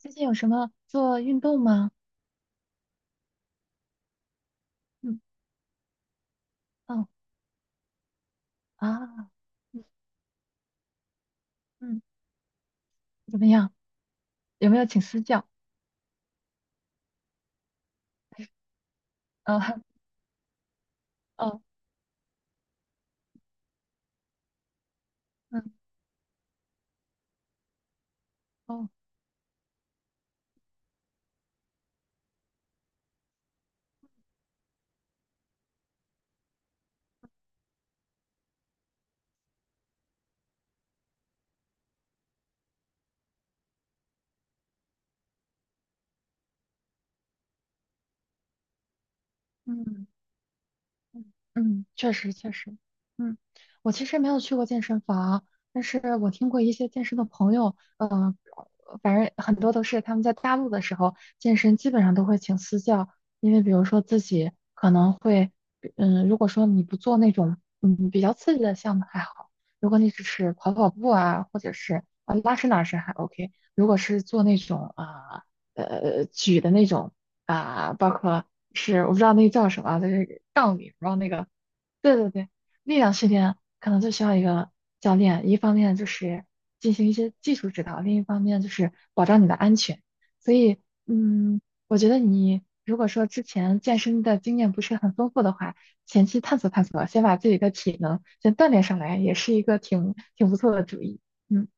最近有什么做运动吗？嗯，哦，啊，嗯，怎么样？有没有请私教？呃，哦，嗯，哦，嗯，嗯，嗯，确实确实，嗯，我其实没有去过健身房，但是我听过一些健身的朋友，反正很多都是他们在大陆的时候健身，基本上都会请私教。因为比如说自己可能会，如果说你不做那种比较刺激的项目还好，如果你只是跑跑步啊，或者是啊拉伸拉伸还 OK，如果是做那种啊举的那种啊，包括。是我不知道那个叫什么啊就是杠铃，然后那个，对对对，力量训练可能就需要一个教练，一方面就是进行一些技术指导，另一方面就是保障你的安全。所以，嗯，我觉得你如果说之前健身的经验不是很丰富的话，前期探索探索，先把自己的体能先锻炼上来，也是一个挺不错的主意。嗯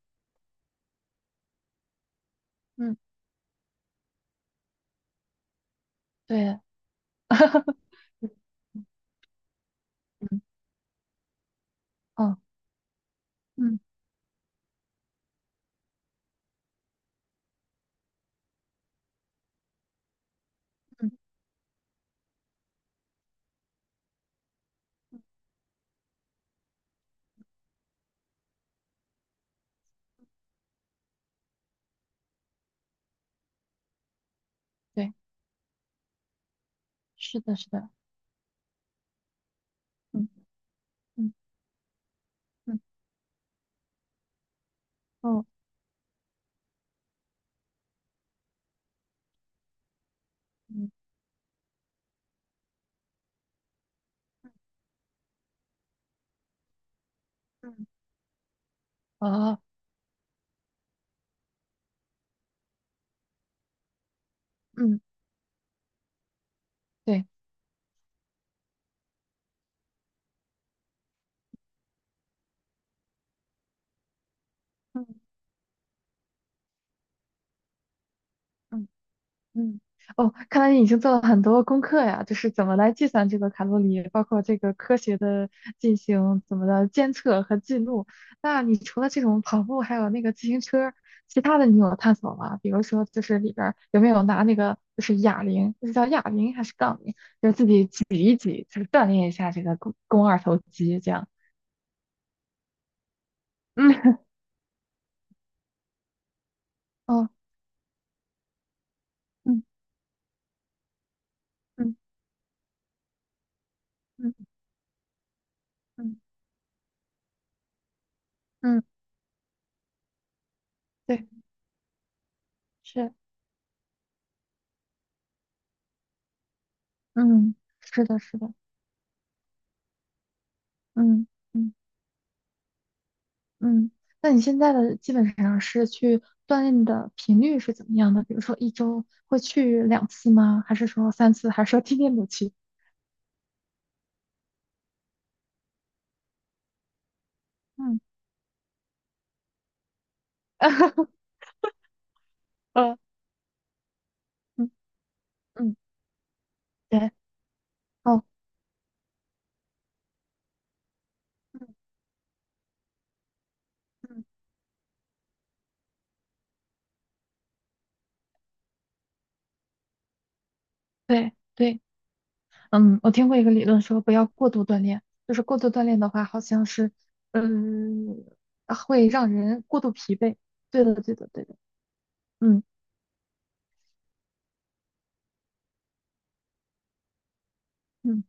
嗯，对，嗯嗯，哦，嗯嗯，对，是的，是的，嗯嗯嗯，哦。嗯嗯，哦，嗯，对，嗯嗯嗯，哦，看来你已经做了很多功课呀，就是怎么来计算这个卡路里，包括这个科学的进行怎么的监测和记录。那你除了这种跑步，还有那个自行车，其他的你有探索吗？比如说，就是里边儿有没有拿那个就是哑铃，就是叫哑铃还是杠铃，就是自己举一举，就是锻炼一下这个肱二头肌这样。嗯，哦，嗯嗯嗯嗯嗯，对，是。嗯，是的，是的，嗯嗯嗯。那你现在的基本上是去锻炼的频率是怎么样的？比如说一周会去两次吗？还是说三次？还是说天天都去？嗯，呃，嗯嗯，对，哦，嗯嗯，对对，嗯，我听过一个理论说不要过度锻炼，就是过度锻炼的话，好像是，嗯，会让人过度疲惫。对的，对的，对的，嗯。嗯。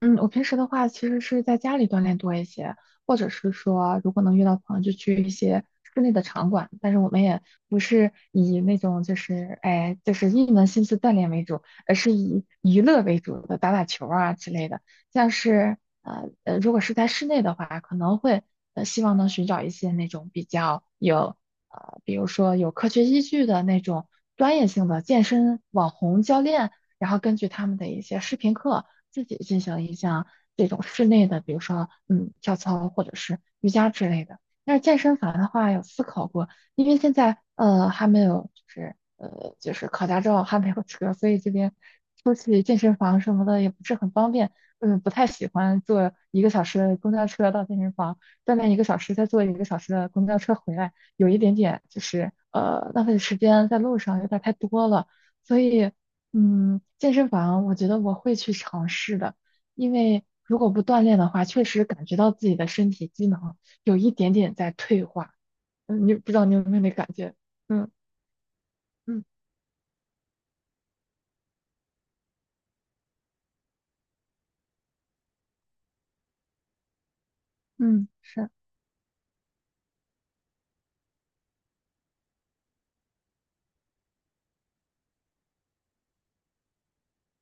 嗯，我平时的话其实是在家里锻炼多一些，或者是说如果能约到朋友，就去一些室内的场馆。但是我们也不是以那种就是哎就是一门心思锻炼为主，而是以娱乐为主的，打打球啊之类的。像是如果是在室内的话，可能会希望能寻找一些那种比较有比如说有科学依据的那种专业性的健身网红教练，然后根据他们的一些视频课。自己进行一项这种室内的，比如说跳操或者是瑜伽之类的。但是健身房的话，有思考过，因为现在还没有就是考驾照还没有车，所以这边出去健身房什么的也不是很方便。嗯，不太喜欢坐一个小时的公交车到健身房，锻炼一个小时，再坐一个小时的公交车回来，有一点点就是浪费时间在路上有点太多了。所以健身房我觉得我会去尝试的，因为如果不锻炼的话，确实感觉到自己的身体机能有一点点在退化。嗯，你不知道你有没有那感觉？嗯嗯嗯，是，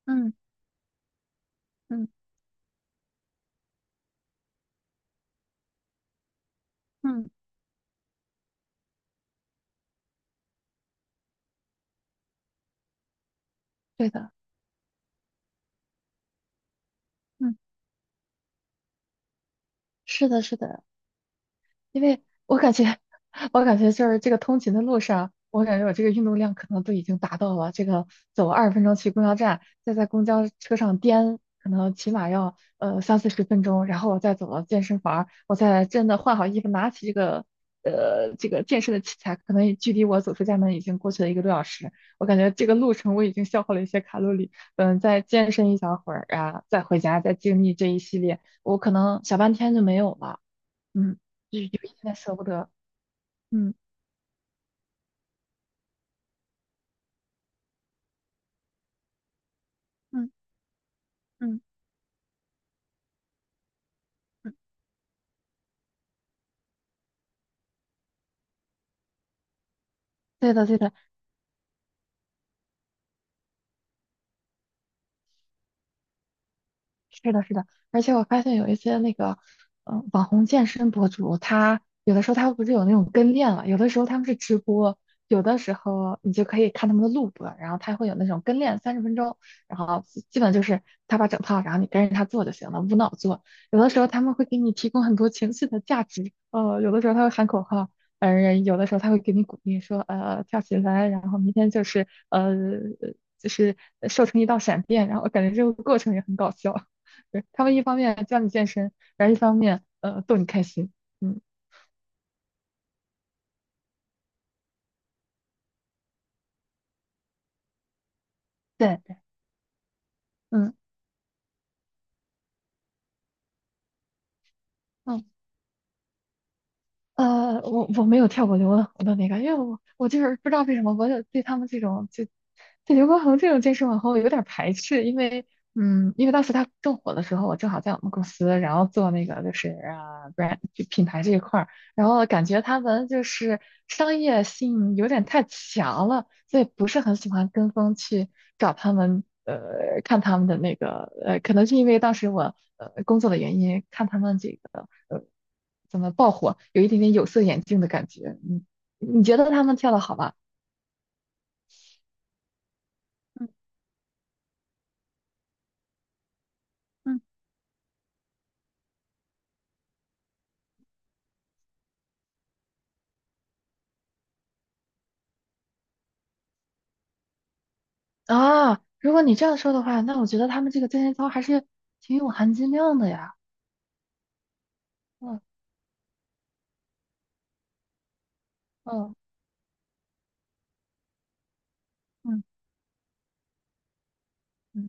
嗯嗯嗯，对的。嗯，是的，是的，因为我感觉，我感觉就是这个通勤的路上，我感觉我这个运动量可能都已经达到了。这个走20分钟去公交站，再在公交车上颠，可能起码要三四十分钟，然后我再走到健身房，我再真的换好衣服，拿起这个健身的器材，可能距离我走出家门已经过去了一个多小时。我感觉这个路程我已经消耗了一些卡路里，再健身一小会儿啊，再回家，再经历这一系列，我可能小半天就没有了。嗯，有一点点舍不得，嗯嗯嗯嗯，对的对的，是的，是的，而且我发现有一些那个，网红健身博主，他有的时候他不是有那种跟练嘛，有的时候他们是直播，有的时候你就可以看他们的录播，然后他会有那种跟练30分钟，然后基本就是他把整套，然后你跟着他做就行了，无脑做。有的时候他们会给你提供很多情绪的价值，有的时候他会喊口号，有的时候他会给你鼓励说，跳起来，然后明天就是瘦成一道闪电，然后我感觉这个过程也很搞笑。对，他们一方面教你健身，然后一方面逗你开心。嗯，对对，嗯。嗯，我没有跳过刘畊宏的那个，因为我就是不知道为什么，我就对他们这种就对刘畊宏这种健身网红有点儿排斥，因为当时他正火的时候，我正好在我们公司，然后做那个就是啊 brand 就品牌这一块儿，然后感觉他们就是商业性有点太强了，所以不是很喜欢跟风去找他们，看他们的那个可能是因为当时我工作的原因，看他们这个怎么爆火，有一点点有色眼镜的感觉。你觉得他们跳的好吗？嗯嗯，啊，如果你这样说的话，那我觉得他们这个健身操还是挺有含金量的呀。嗯嗯嗯嗯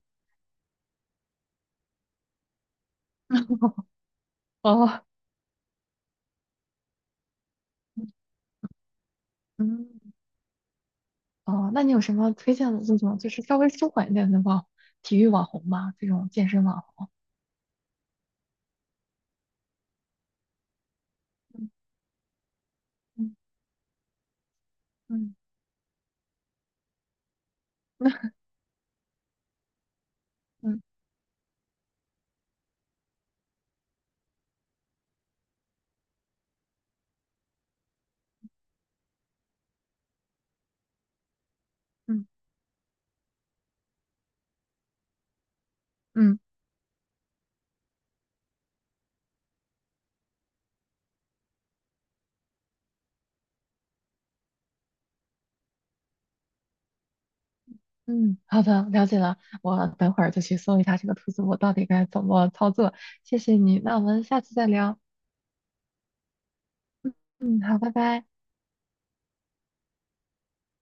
哦嗯，哦，那你有什么推荐的这种就是稍微舒缓一点的网体育网红吗？这种健身网红？嗯嗯嗯 嗯嗯嗯嗯，好的，了解了。我等会儿就去搜一下这个兔子，我到底该怎么操作。谢谢你，那我们下次再聊。嗯嗯，好，拜拜。